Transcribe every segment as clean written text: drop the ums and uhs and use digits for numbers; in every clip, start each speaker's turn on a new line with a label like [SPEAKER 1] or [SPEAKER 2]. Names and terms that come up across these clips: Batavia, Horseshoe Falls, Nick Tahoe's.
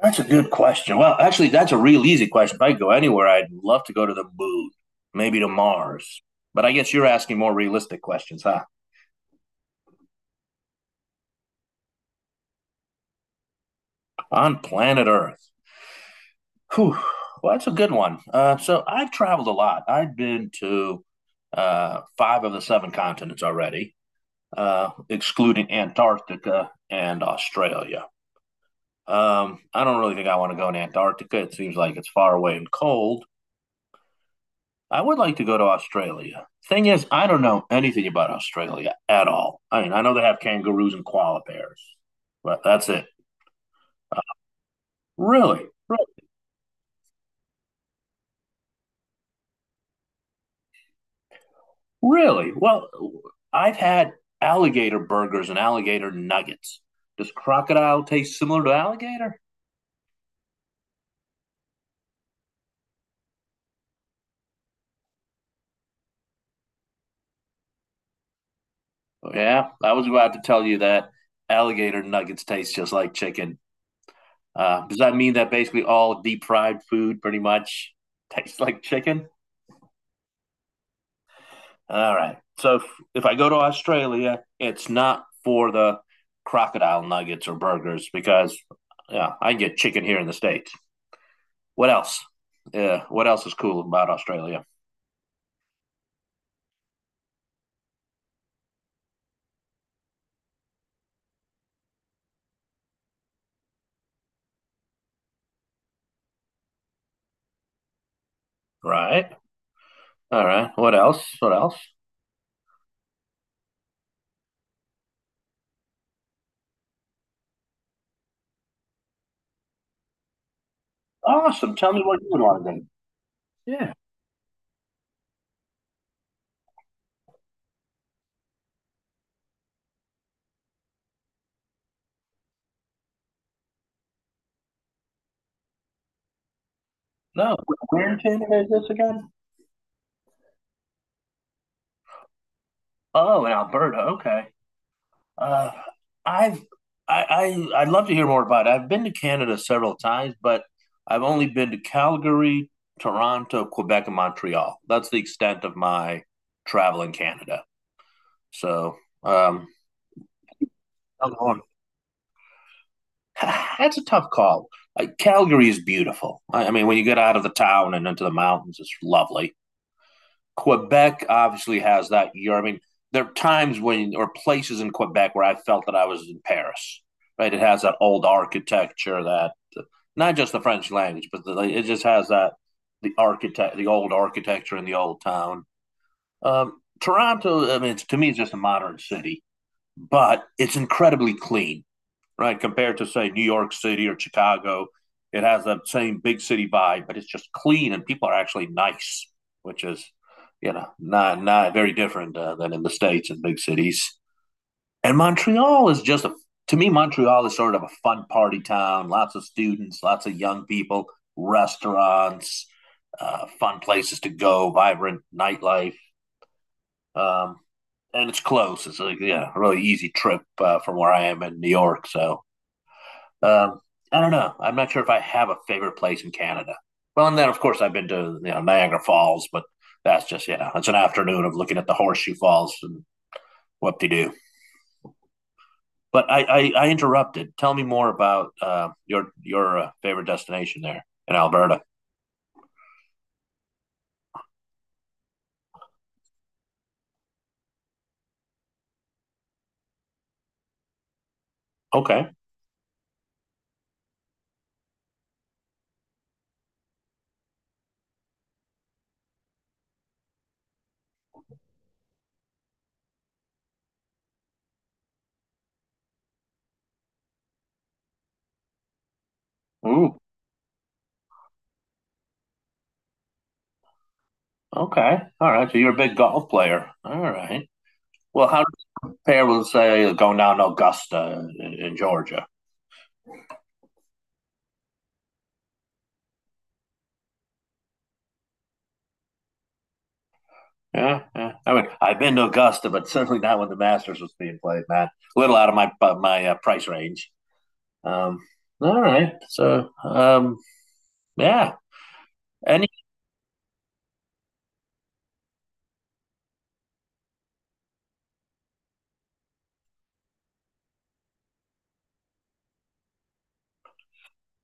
[SPEAKER 1] That's a good question. Well, actually, that's a real easy question. If I could go anywhere, I'd love to go to the moon, maybe to Mars. But I guess you're asking more realistic questions, huh? On planet Earth. Whew. Well, that's a good one. So I've traveled a lot. I've been to five of the seven continents already, excluding Antarctica and Australia. I don't really think I want to go in Antarctica. It seems like it's far away and cold. I would like to go to Australia. Thing is, I don't know anything about Australia at all. I mean, I know they have kangaroos and koala bears, but that's it. Really? Re- Really? Well, I've had alligator burgers and alligator nuggets. Does crocodile taste similar to alligator? Oh, yeah, I was about to tell you that alligator nuggets taste just like chicken. Does that mean that basically all deep fried food pretty much tastes like chicken? All right. If I go to Australia, it's not for the crocodile nuggets or burgers because yeah, I can get chicken here in the states. What else? Yeah, what else is cool about Australia? Right. All right. What else? What else? Awesome. Tell me what you would want to do. Yeah. No. Where in Canada is this again? Oh, in Alberta. Okay. Uh, I've I I'd love to hear more about it. I've been to Canada several times, but I've only been to Calgary, Toronto, Quebec, and Montreal. That's the extent of my travel in Canada. So um, that's a tough call. Like Calgary is beautiful. I mean, when you get out of the town and into the mountains, it's lovely. Quebec obviously has that year. I mean, there are times when or places in Quebec where I felt that I was in Paris. Right, it has that old architecture that not just the French language, but it just has that the architect, the old architecture in the old town. Toronto, I mean, it's, to me, it's just a modern city, but it's incredibly clean, right? Compared to say New York City or Chicago, it has that same big city vibe, but it's just clean and people are actually nice, which is, you know, not very different than in the states and big cities. And Montreal is just a, to me Montreal is sort of a fun party town. Lots of students, lots of young people, restaurants, fun places to go, vibrant nightlife. Um, and it's close. It's like, yeah, a really easy trip from where I am in New York. So um, I don't know. I'm not sure if I have a favorite place in Canada. Well, and then of course I've been to, you know, Niagara Falls, but that's just, you know, it's an afternoon of looking at the Horseshoe Falls and what they do. But I interrupted. Tell me more about your favorite destination there in Alberta. Okay. Ooh. Okay. All right. So you're a big golf player. All right. Well, how do you compare with say going down to Augusta in Georgia? Yeah, yeah. I mean, I've been to Augusta, but certainly not when the Masters was being played, man. A little out of my my price range. Um, all right. So, yeah. Any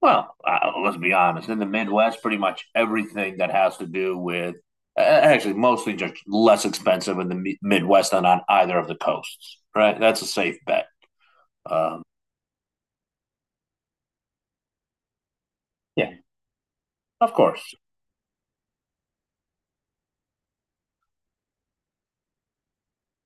[SPEAKER 1] Well, let's be honest. In the Midwest, pretty much everything that has to do with actually mostly just less expensive in the Midwest than on either of the coasts. Right. That's a safe bet. Um, yeah, of course.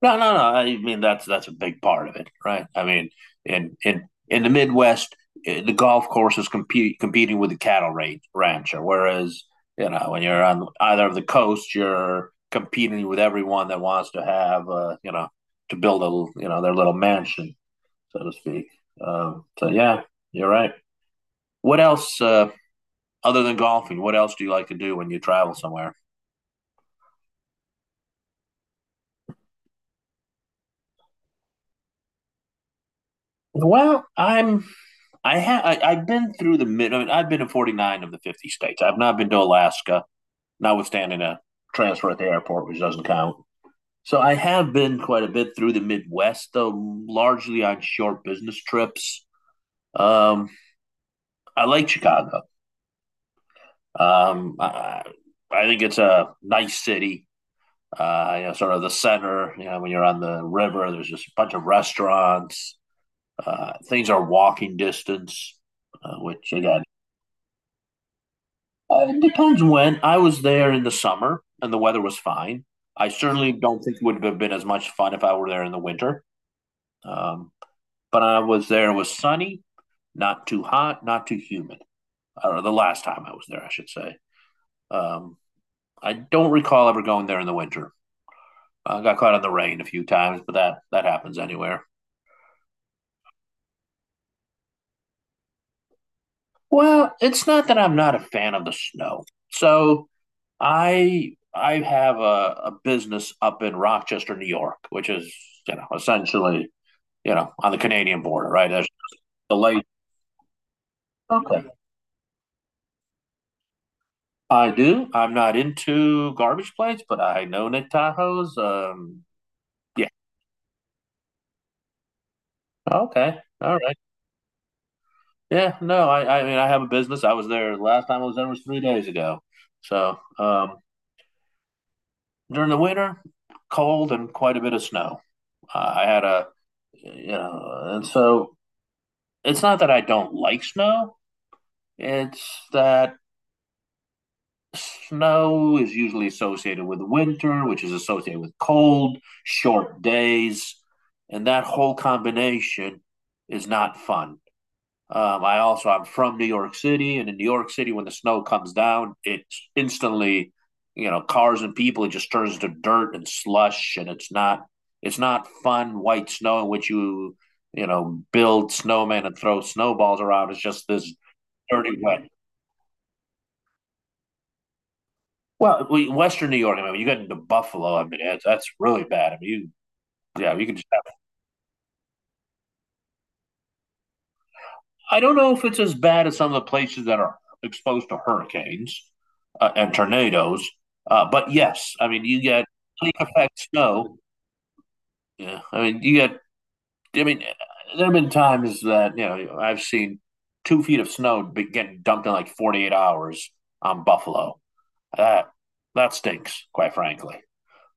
[SPEAKER 1] No, no, no. I mean that's a big part of it, right? I mean, in the Midwest, the golf course is competing with the cattle rancher, whereas, you know, when you're on either of the coasts, you're competing with everyone that wants to have, you know, to build a, you know, their little mansion, so to speak. So yeah, you're right. What else other than golfing? What else do you like to do when you travel somewhere? Well, I'm I have. I've been through the mid. I mean, I've been in 49 of the 50 states. I've not been to Alaska, notwithstanding a transfer at the airport, which doesn't count. So I have been quite a bit through the Midwest, though largely on short business trips. Um, I like Chicago. Um, I, I think it's a nice city. You know, sort of the center. You know, when you're on the river, there's just a bunch of restaurants. Things are walking distance, which again it depends when. I was there in the summer and the weather was fine. I certainly don't think it would have been as much fun if I were there in the winter. Um, but I was there, it was sunny, not too hot, not too humid. Or the last time I was there, I should say. Um, I don't recall ever going there in the winter. I got caught in the rain a few times, but that happens anywhere. Well, it's not that I'm not a fan of the snow. So I have a business up in Rochester, New York, which is, you know, essentially, you know, on the Canadian border, right? There's the lake. Okay. I do. I'm not into garbage plates, but I know Nick Tahoe's. Yeah. Okay. All right. Yeah. No, I mean, I have a business. I was there Last time I was there was 3 days ago. So during the winter, cold and quite a bit of snow. I had a You know, and so it's not that I don't like snow. It's that snow is usually associated with winter, which is associated with cold, short days, and that whole combination is not fun. I also I'm from New York City, and in New York City, when the snow comes down, it's instantly, you know, cars and people. It just turns to dirt and slush, and it's not fun white snow in which you know, build snowmen and throw snowballs around. It's just this dirty wet. Well, Western New York. I mean, you get into Buffalo. I mean, that's really bad. I mean, you, yeah, you can just I don't know if it's as bad as some of the places that are exposed to hurricanes and tornadoes. But yes, I mean, you get lake effect snow. Yeah, I mean, you get. I mean, there have been times that, you know, I've seen 2 feet of snow getting dumped in like 48 hours on Buffalo. That that stinks, quite frankly.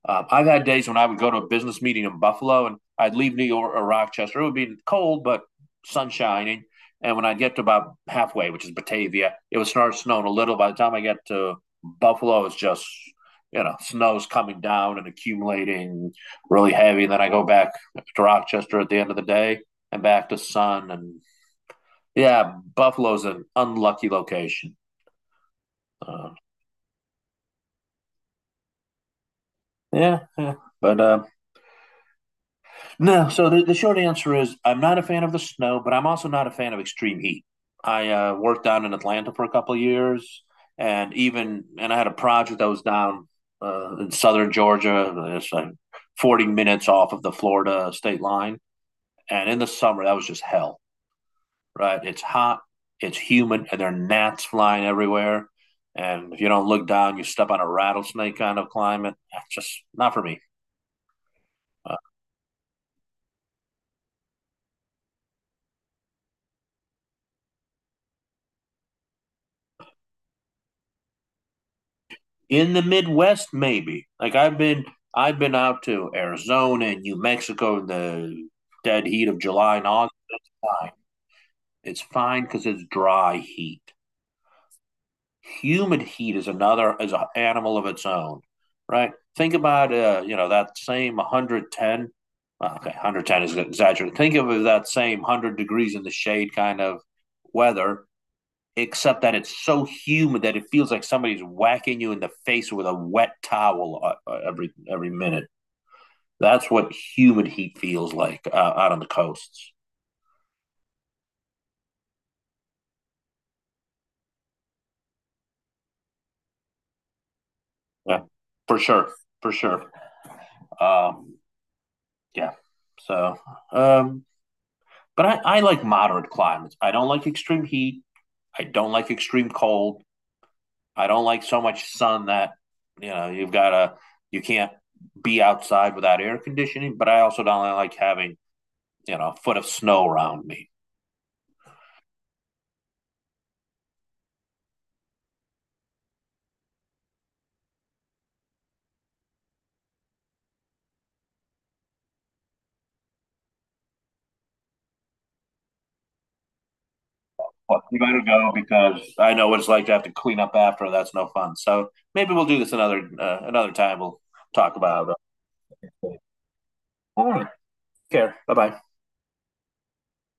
[SPEAKER 1] I've had days when I would go to a business meeting in Buffalo and I'd leave New York or Rochester. It would be cold, but sun shining. And when I'd get to about halfway, which is Batavia, it would start snowing a little. By the time I get to Buffalo, it's just, you know, snow's coming down and accumulating really heavy. And then I go back to Rochester at the end of the day and back to sun. And yeah, Buffalo's an unlucky location. Uh, yeah, yeah. But no, so the short answer is I'm not a fan of the snow, but I'm also not a fan of extreme heat. I worked down in Atlanta for a couple of years, and even and I had a project that was down in southern Georgia. It's like 40 minutes off of the Florida state line, and in the summer that was just hell. Right? It's hot, it's humid, and there are gnats flying everywhere. And if you don't look down, you step on a rattlesnake kind of climate. That's just not for me. Uh, in the Midwest, maybe. I've been out to Arizona and New Mexico in the dead heat of July and August. It's fine because it's dry heat. Humid heat is another is an animal of its own, right? Think about you know, that same 110. Well, okay, 110 is exaggerated. Think of that same 100 degrees in the shade kind of weather except that it's so humid that it feels like somebody's whacking you in the face with a wet towel, every minute. That's what humid heat feels like out on the coasts. Yeah, for sure, for sure. Um, yeah. So, um, but I like moderate climates. I don't like extreme heat. I don't like extreme cold. I don't like so much sun that, you know, you've got to, you can't be outside without air conditioning. But I also don't like having, you know, a foot of snow around me. You got to go because I know what it's like to have to clean up after. That's no fun. So maybe we'll do this another, another time. We'll talk about it. All right. Take care. Bye bye.